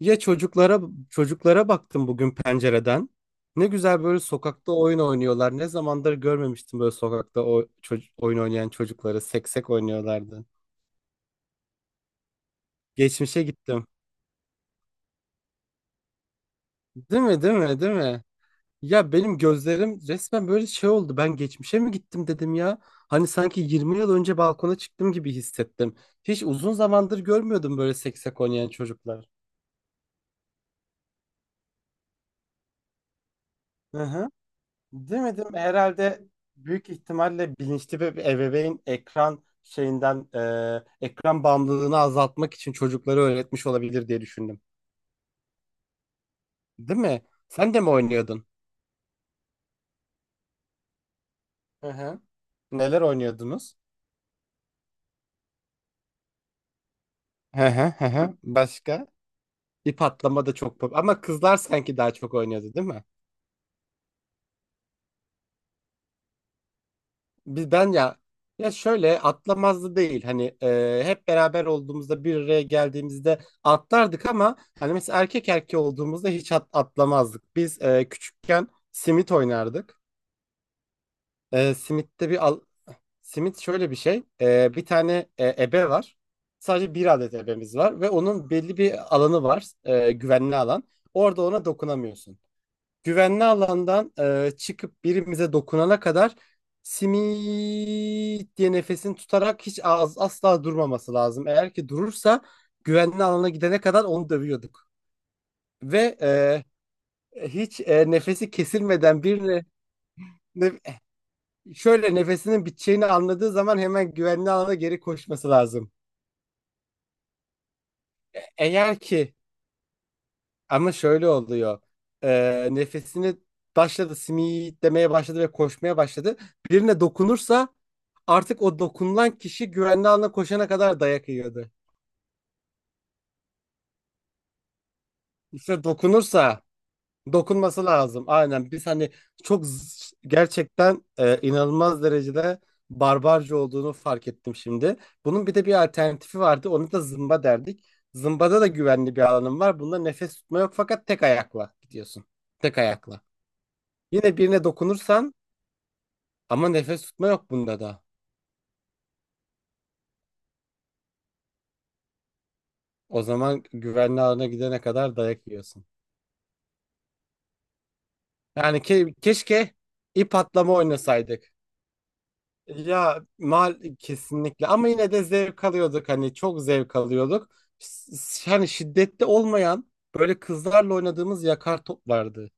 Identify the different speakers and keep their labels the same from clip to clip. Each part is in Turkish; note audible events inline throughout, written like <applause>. Speaker 1: Ya çocuklara baktım bugün pencereden. Ne güzel böyle sokakta oyun oynuyorlar. Ne zamandır görmemiştim böyle sokakta oyun oynayan çocukları, seksek oynuyorlardı. Geçmişe gittim. Değil mi? Değil mi? Değil mi? Ya benim gözlerim resmen böyle şey oldu. Ben geçmişe mi gittim dedim ya. Hani sanki 20 yıl önce balkona çıktım gibi hissettim. Hiç uzun zamandır görmüyordum böyle seksek oynayan çocuklar. Hı hı. Demedim herhalde, büyük ihtimalle bilinçli bir ebeveyn ekran şeyinden, ekran bağımlılığını azaltmak için çocukları öğretmiş olabilir diye düşündüm. Değil mi? Sen de mi oynuyordun? Hı hı. Neler oynuyordunuz? Hı hı hı. Hı. Başka? İp atlama da çok ama kızlar sanki daha çok oynuyordu, değil mi? Ben ya şöyle atlamazdı değil hani, hep beraber olduğumuzda bir araya geldiğimizde atlardık, ama hani mesela erkek erkeği olduğumuzda hiç atlamazdık. Biz, küçükken simit oynardık. Simitte simit şöyle bir şey. Bir tane ebe var, sadece bir adet ebemiz var ve onun belli bir alanı var, güvenli alan. Orada ona dokunamıyorsun. Güvenli alandan çıkıp birimize dokunana kadar simit diye nefesini tutarak hiç asla durmaması lazım. Eğer ki durursa, güvenli alana gidene kadar onu dövüyorduk. Ve hiç nefesi kesilmeden birine, ne- şöyle nefesinin biteceğini anladığı zaman hemen güvenli alana geri koşması lazım. Eğer ki ama şöyle oluyor. Nefesini, başladı simit demeye başladı ve koşmaya başladı. Birine dokunursa, artık o dokunulan kişi güvenli alana koşana kadar dayak yiyordu. İşte dokunursa, dokunması lazım. Aynen, biz hani çok gerçekten, inanılmaz derecede barbarca olduğunu fark ettim şimdi. Bunun bir de bir alternatifi vardı. Onu da zımba derdik. Zımbada da güvenli bir alanım var. Bunda nefes tutma yok, fakat tek ayakla gidiyorsun. Tek ayakla. Yine birine dokunursan, ama nefes tutma yok bunda da. O zaman güvenli alana gidene kadar dayak yiyorsun. Yani keşke ip atlama oynasaydık. Ya mal kesinlikle, ama yine de zevk alıyorduk, hani çok zevk alıyorduk. S- Yani şiddetli olmayan, böyle kızlarla oynadığımız yakar top vardı.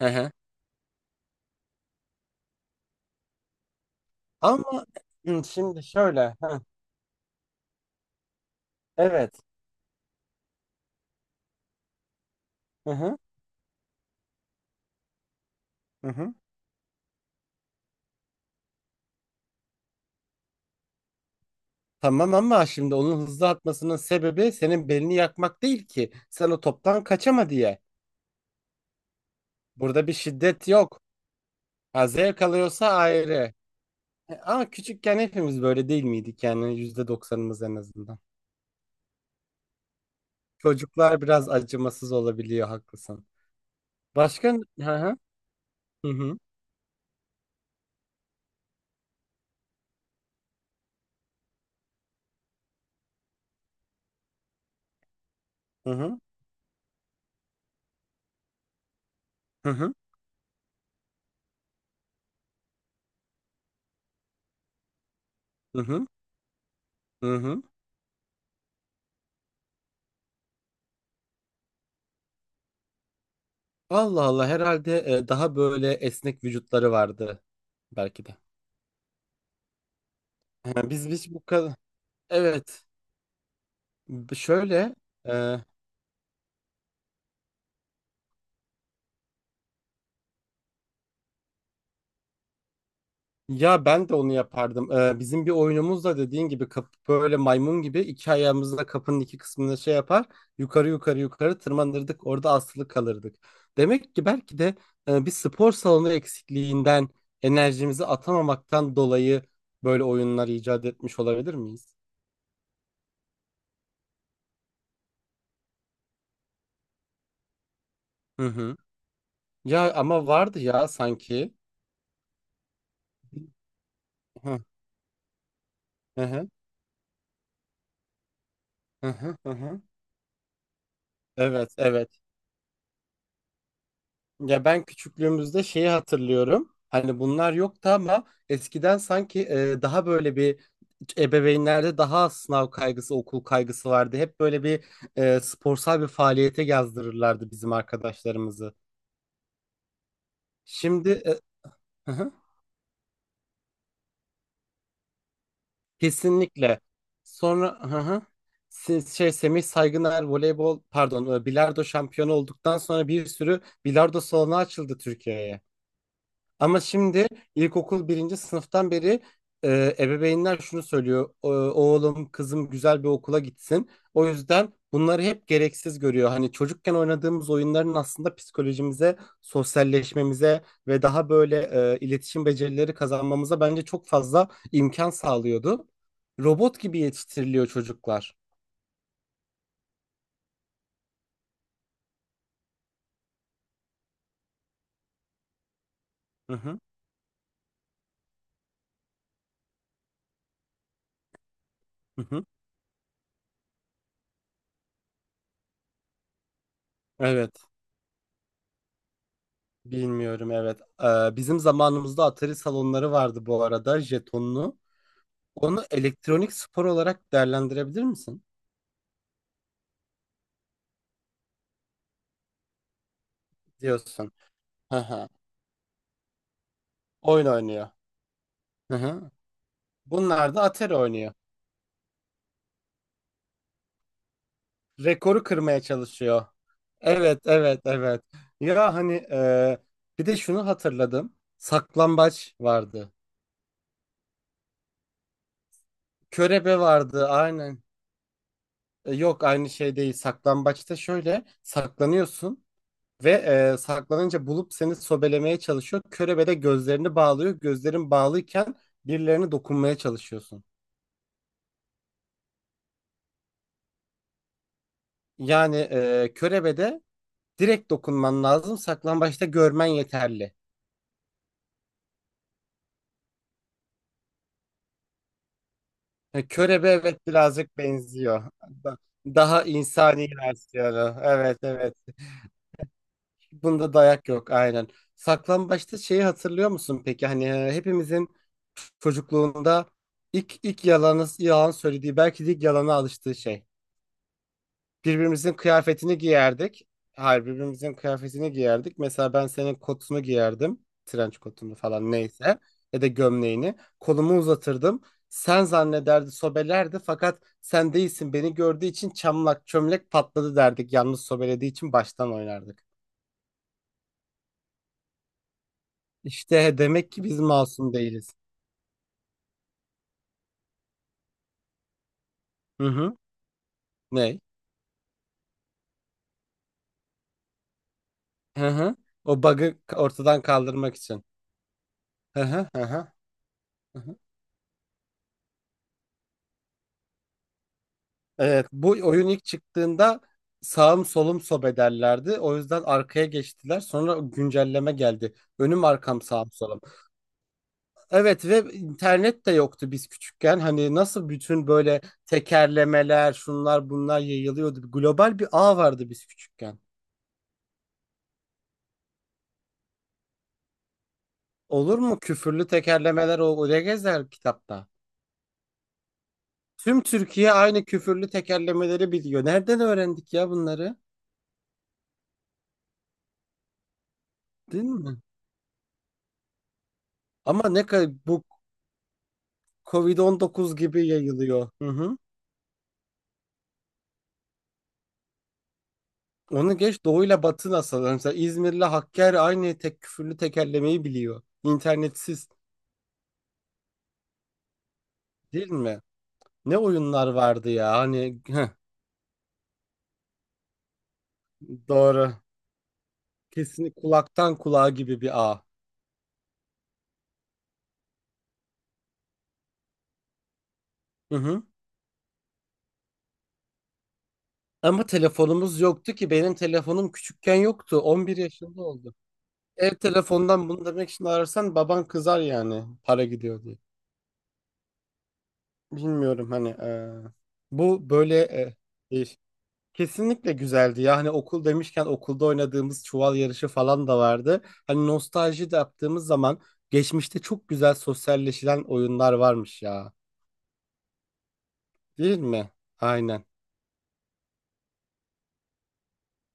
Speaker 1: Hı hı. Ama <clears throat> hı, şimdi şöyle. Hı, Evet. Hı hı. Hı hı. Tamam, ama şimdi onun hızlı atmasının sebebi senin belini yakmak değil ki. Sen o toptan kaçama diye. Burada bir şiddet yok. Ha, zevk alıyorsa ayrı. Ama küçükken hepimiz böyle değil miydik yani, yüzde doksanımız en azından. Çocuklar biraz acımasız olabiliyor, haklısın. Başka. Hı hı hı hı hı hı hı hı hı. Hı hı. Allah Allah, herhalde daha böyle esnek vücutları vardı belki de. Ha, Biz bu kadar, evet. Şöyle e, ya ben de onu yapardım. Bizim bir oyunumuz da, dediğin gibi, böyle maymun gibi iki ayağımızla kapının iki kısmını şey yapar. Yukarı yukarı yukarı tırmanırdık. Orada asılı kalırdık. Demek ki belki de bir spor salonu eksikliğinden, enerjimizi atamamaktan dolayı böyle oyunlar icat etmiş olabilir miyiz? Hı hı. Ya ama vardı ya sanki. Hı hı hı hı. Hı hı. Evet, evet. Ya ben küçüklüğümüzde şeyi hatırlıyorum. Hani bunlar yoktu, ama eskiden sanki daha böyle bir, ebeveynlerde daha az sınav kaygısı, okul kaygısı vardı. Hep böyle bir sporsal bir faaliyete yazdırırlardı bizim arkadaşlarımızı. Şimdi hı hı, kesinlikle. Sonra hı hı, şey, Semih Saygıner voleybol, pardon, bilardo şampiyonu olduktan sonra bir sürü bilardo salonu açıldı Türkiye'ye. Ama şimdi ilkokul birinci sınıftan beri ebeveynler şunu söylüyor: Oğlum, kızım güzel bir okula gitsin." O yüzden bunları hep gereksiz görüyor. Hani çocukken oynadığımız oyunların, aslında psikolojimize, sosyalleşmemize ve daha böyle iletişim becerileri kazanmamıza bence çok fazla imkan sağlıyordu. Robot gibi yetiştiriliyor çocuklar. Hı hı, hı hı. Evet. Bilmiyorum, evet. Bizim zamanımızda Atari salonları vardı bu arada, jetonlu. Onu elektronik spor olarak değerlendirebilir misin? Diyorsun. Hı hı. Oyun oynuyor. Hı hı. Bunlar da Atari oynuyor. Rekoru kırmaya çalışıyor. Evet, evet, evet. Ya hani bir de şunu hatırladım. Saklambaç vardı. Körebe vardı, aynen. Yok, aynı şey değil. Saklambaçta şöyle saklanıyorsun ve saklanınca bulup seni sobelemeye çalışıyor. Körebe de gözlerini bağlıyor. Gözlerin bağlıyken birilerine dokunmaya çalışıyorsun. Yani körebe, direkt dokunman lazım. Saklambaçta görmen yeterli. Körebe, evet, birazcık benziyor. Da- Daha insani versiyonu. Evet, evet. Bunda dayak yok, aynen. Saklambaçta şeyi hatırlıyor musun peki? Hani hepimizin çocukluğunda ilk yalanı, yalan söylediği, belki de ilk yalana alıştığı şey. Birbirimizin kıyafetini giyerdik. Hayır, birbirimizin kıyafetini giyerdik. Mesela ben senin kotunu giyerdim. Trenç kotunu falan, neyse. Ya da gömleğini. Kolumu uzatırdım. Sen zannederdi, sobelerdi, fakat sen değilsin, beni gördüğü için çamlak çömlek patladı derdik. Yalnız sobelediği için baştan oynardık. İşte demek ki biz masum değiliz. Hı hı. Ne? Hı hı. O bug'ı ortadan kaldırmak için. Hı hı hı hı. Hı hı. Evet, bu oyun ilk çıktığında sağım solum sob ederlerdi. O yüzden arkaya geçtiler. Sonra güncelleme geldi: önüm arkam sağım solum. Evet, ve internet de yoktu biz küçükken. Hani nasıl bütün böyle tekerlemeler, şunlar bunlar yayılıyordu. Global bir ağ vardı biz küçükken. Olur mu? Küfürlü tekerlemeler o oraya gezer kitapta. Tüm Türkiye aynı küfürlü tekerlemeleri biliyor. Nereden öğrendik ya bunları? Değil mi? Ama ne kadar, bu COVID-19 gibi yayılıyor. Hı hı. Onu geç, doğuyla batı nasıl? Mesela İzmir'le Hakkari aynı tek küfürlü tekerlemeyi biliyor. İnternetsiz, değil mi? Ne oyunlar vardı ya hani <laughs> doğru. Kesinlikle kulaktan kulağa gibi bir ağ. Hı hı. Ama telefonumuz yoktu ki, benim telefonum küçükken yoktu. 11 yaşında oldu. Ev telefondan bunu demek için ararsan baban kızar, yani para gidiyor diye. Bilmiyorum hani bu böyle değişik. Kesinlikle güzeldi. Ya hani okul demişken, okulda oynadığımız çuval yarışı falan da vardı. Hani nostalji de yaptığımız zaman, geçmişte çok güzel sosyalleşilen oyunlar varmış ya. Değil mi? Aynen.